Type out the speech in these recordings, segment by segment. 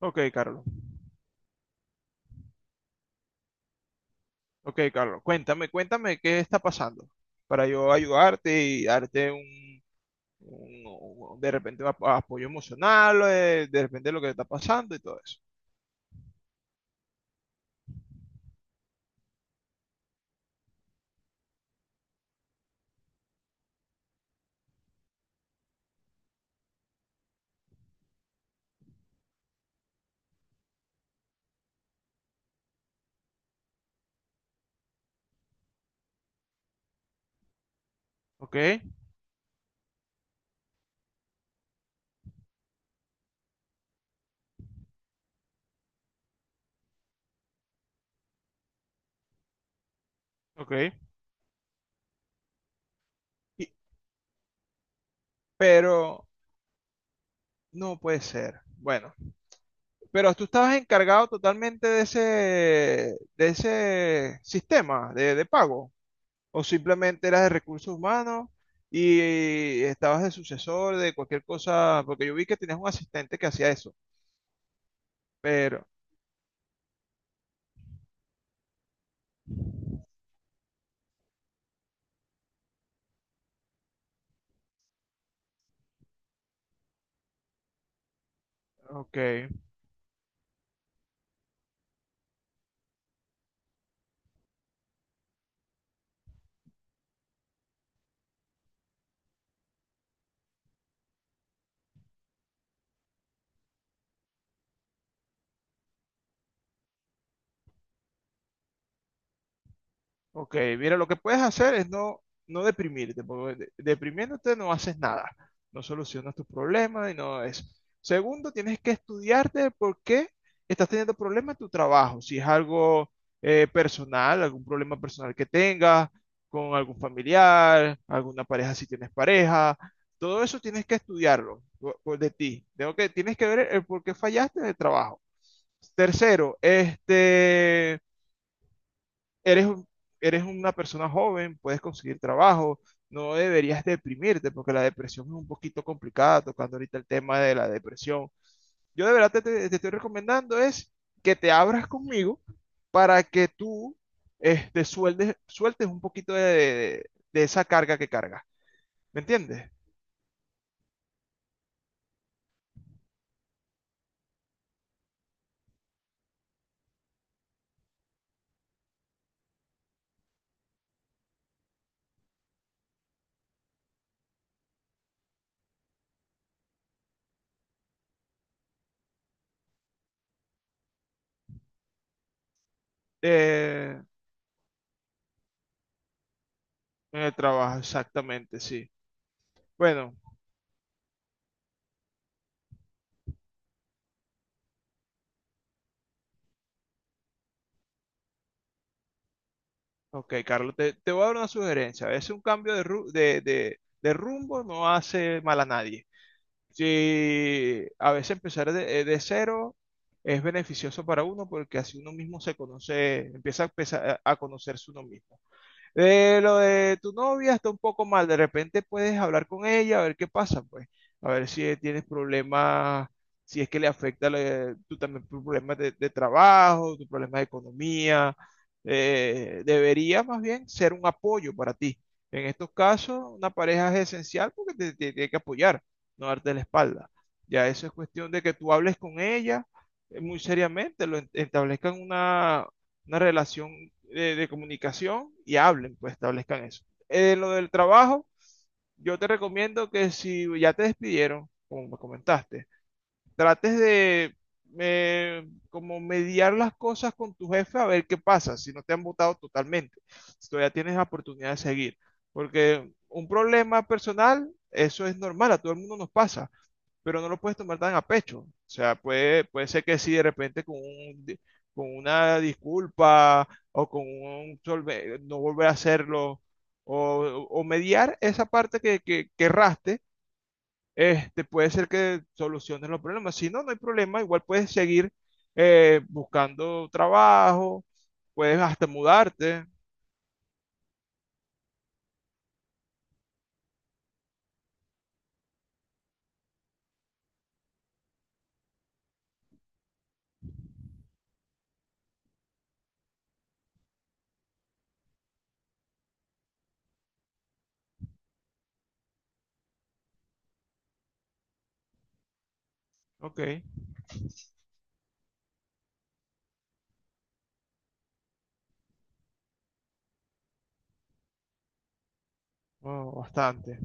Ok, Carlos. Ok, Carlos. Cuéntame, cuéntame qué está pasando para yo ayudarte y darte un- de repente un apoyo emocional, de repente lo que está pasando y todo eso. Ok, ok. Y- pero no puede ser. Bueno, pero tú estabas encargado totalmente de ese sistema de pago o simplemente eras de recursos humanos. Y estabas de sucesor de cualquier cosa, porque yo vi que tenías un asistente que hacía eso. Pero, ok, ok. Mira, lo que puedes hacer es no deprimirte, porque deprimiéndote no haces nada, no solucionas tus problemas y no es. Segundo, tienes que estudiarte el por qué estás teniendo problemas en tu trabajo, si es algo personal, algún problema personal que tengas con algún familiar, alguna pareja si tienes pareja, todo eso tienes que estudiarlo por de ti. Tienes que ver el por qué fallaste en el trabajo. Tercero, eres, eres una persona joven, puedes conseguir trabajo, no deberías deprimirte porque la depresión es un poquito complicada, tocando ahorita el tema de la depresión. Yo de verdad te estoy recomendando es que te abras conmigo para que tú sueltes un poquito de, de esa carga que cargas. ¿Me entiendes? Eh, en el trabajo, exactamente, sí. Bueno, ok, Carlos, te voy a dar una sugerencia. A veces un cambio de, de rumbo no hace mal a nadie. Sí, a veces empezar de cero es beneficioso para uno porque así uno mismo se conoce, empieza a, a conocerse uno mismo. Lo de tu novia está un poco mal. De repente puedes hablar con ella, a ver qué pasa, pues. A ver si tienes problemas, si es que tú también tu problema de trabajo, tu problema de economía. Debería más bien ser un apoyo para ti. En estos casos, una pareja es esencial porque te tiene que apoyar, no darte la espalda. Ya eso es cuestión de que tú hables con ella muy seriamente, establezcan una relación de comunicación y hablen, pues establezcan eso. En lo del trabajo, yo te recomiendo que si ya te despidieron, como me comentaste, trates de como mediar las cosas con tu jefe a ver qué pasa, si no te han votado totalmente, si todavía tienes la oportunidad de seguir. Porque un problema personal, eso es normal, a todo el mundo nos pasa pero no lo puedes tomar tan a pecho. O sea, puede ser que si de repente con con una disculpa o con un no volver a hacerlo o mediar esa parte que erraste, puede ser que soluciones los problemas. Si no, no hay problema, igual puedes seguir buscando trabajo, puedes hasta mudarte. Ok, oh, bastante.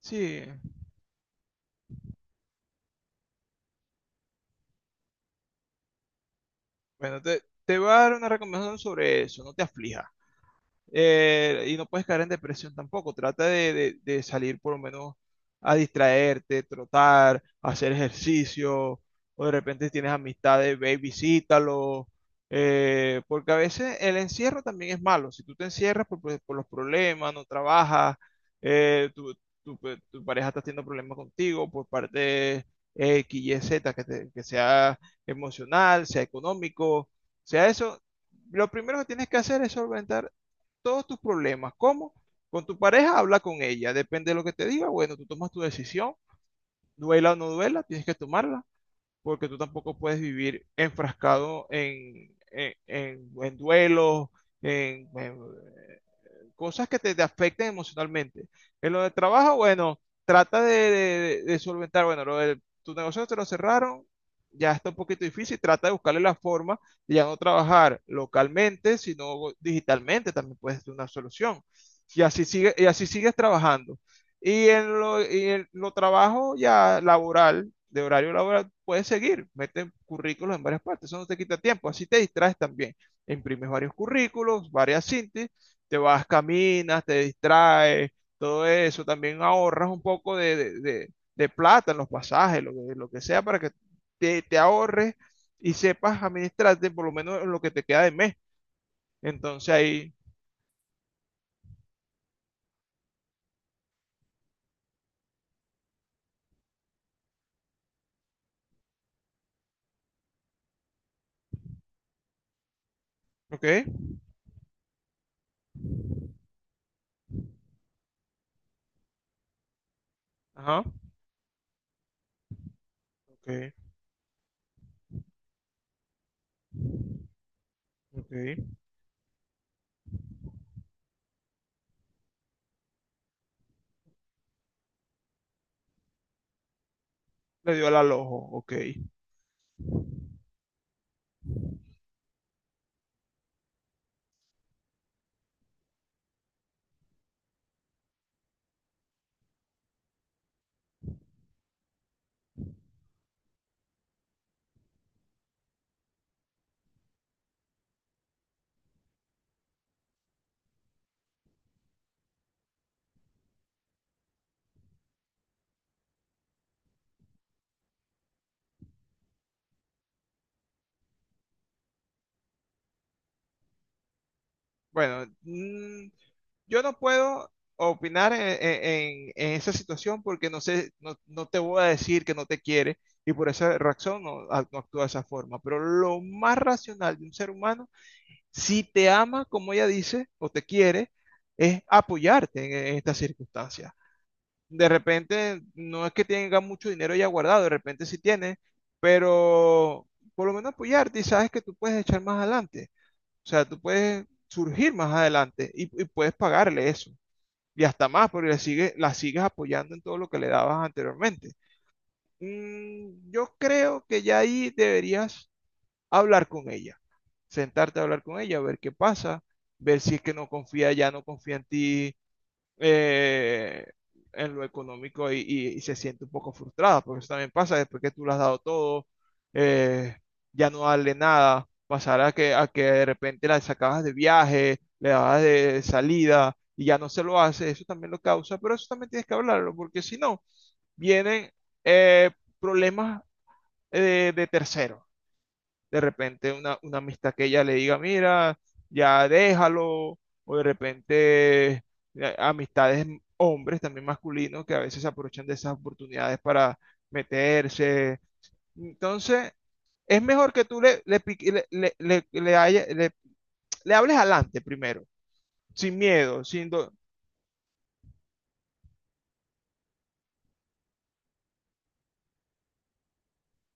Sí, bueno, te voy a dar una recomendación sobre eso, no te aflijas. Y no puedes caer en depresión tampoco. Trata de, de salir por lo menos a distraerte, trotar, hacer ejercicio, o de repente tienes amistades, ve y visítalo. Porque a veces el encierro también es malo. Si tú te encierras por, por los problemas, no trabajas, eh, tu, pues, tu pareja está teniendo problemas contigo por parte X, Y, Z, que, que sea emocional, sea económico, sea eso. Lo primero que tienes que hacer es solventar todos tus problemas. ¿Cómo? Con tu pareja, habla con ella. Depende de lo que te diga. Bueno, tú tomas tu decisión. Duela o no duela, tienes que tomarla. Porque tú tampoco puedes vivir enfrascado en duelos, en, en- cosas que te afecten emocionalmente. En lo del trabajo, bueno, trata de, de solventar, bueno, lo del, tu negocio te lo cerraron, ya está un poquito difícil, trata de buscarle la forma de ya no trabajar localmente, sino digitalmente, también puede ser una solución. Y así sigue, y así sigues trabajando. Y en lo trabajo ya laboral, de horario laboral, puedes seguir, mete currículos en varias partes, eso no te quita tiempo, así te distraes también imprimes varios currículos, varias síntesis te vas, caminas, te distraes, todo eso. También ahorras un poco de, de plata en los pasajes, lo que sea, para que te ahorres y sepas administrarte por lo menos en lo que te queda de mes. Entonces ahí, ok, ajá, ok, ok. Le dio al alojo, ok. Bueno, yo no puedo opinar en esa situación porque no sé, no te voy a decir que no te quiere y por esa razón no, no actúa de esa forma. Pero lo más racional de un ser humano, si te ama como ella dice o te quiere, es apoyarte en estas circunstancias. De repente, no es que tenga mucho dinero ya guardado, de repente sí tiene, pero por lo menos apoyarte y sabes que tú puedes echar más adelante. O sea, tú puedes surgir más adelante y puedes pagarle eso. Y hasta más, porque le sigue, la sigues apoyando en todo lo que le dabas anteriormente. Mm, yo creo que ya ahí deberías hablar con ella, sentarte a hablar con ella, ver qué pasa, ver si es que no confía, ya no confía en ti, eh, en lo económico y, y se siente un poco frustrada, porque eso también pasa después que tú le has dado todo, eh, ya no darle nada, pasar a que de repente la sacabas de viaje, le dabas de salida y ya no se lo hace, eso también lo causa, pero eso también tienes que hablarlo, porque si no, vienen eh, problemas de terceros de repente una amistad que ella le diga, mira, ya déjalo, o de repente amistades hombres también masculinos que a veces se aprovechan de esas oportunidades para meterse. Entonces, es mejor que tú le, le, pique- le haya- le- le hables adelante primero, sin miedo, sin...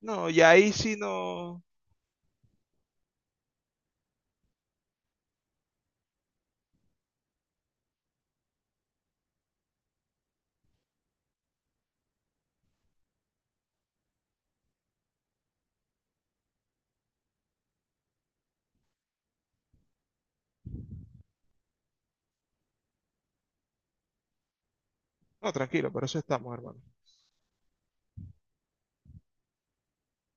No, y ahí sí no... No, tranquilo, por eso estamos, hermano.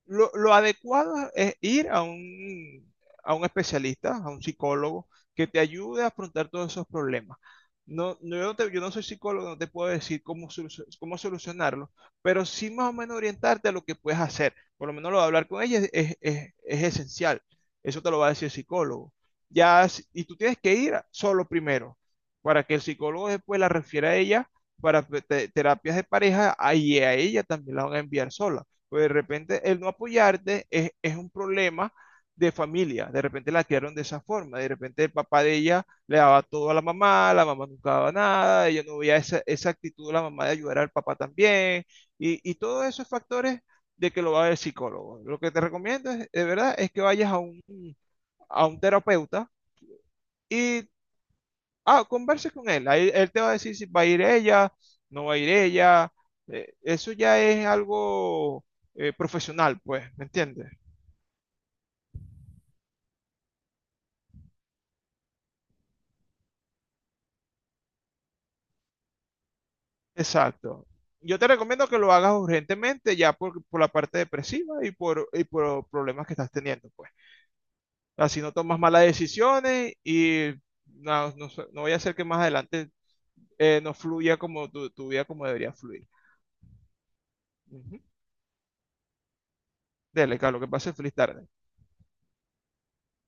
Lo adecuado es ir a un especialista, a un psicólogo, que te ayude a afrontar todos esos problemas. No, no, yo, yo no soy psicólogo, no te puedo decir cómo solucionarlo, pero sí más o menos orientarte a lo que puedes hacer. Por lo menos lo de hablar con ella es esencial. Eso te lo va a decir el psicólogo. Ya, y tú tienes que ir solo primero, para que el psicólogo después la refiera a ella para terapias de pareja, ahí a ella también la van a enviar sola. Pues de repente el no apoyarte es un problema de familia. De repente la criaron de esa forma. De repente el papá de ella le daba todo a la mamá nunca daba nada, ella no veía esa, esa actitud de la mamá de ayudar al papá también. Y todos esos factores de que lo va a ver el psicólogo. Lo que te recomiendo es, de verdad es que vayas a un terapeuta y Ah, converse con él. Ahí él te va a decir si va a ir ella, no va a ir ella. Eso ya es algo profesional, pues, ¿me entiendes? Exacto. Yo te recomiendo que lo hagas urgentemente ya por la parte depresiva y por los problemas que estás teniendo, pues. Así no tomas malas decisiones y no, sé, no vaya a ser que más adelante no fluya como tu vida como debería fluir. Ujú. Dele, Carlos, que pase feliz tarde.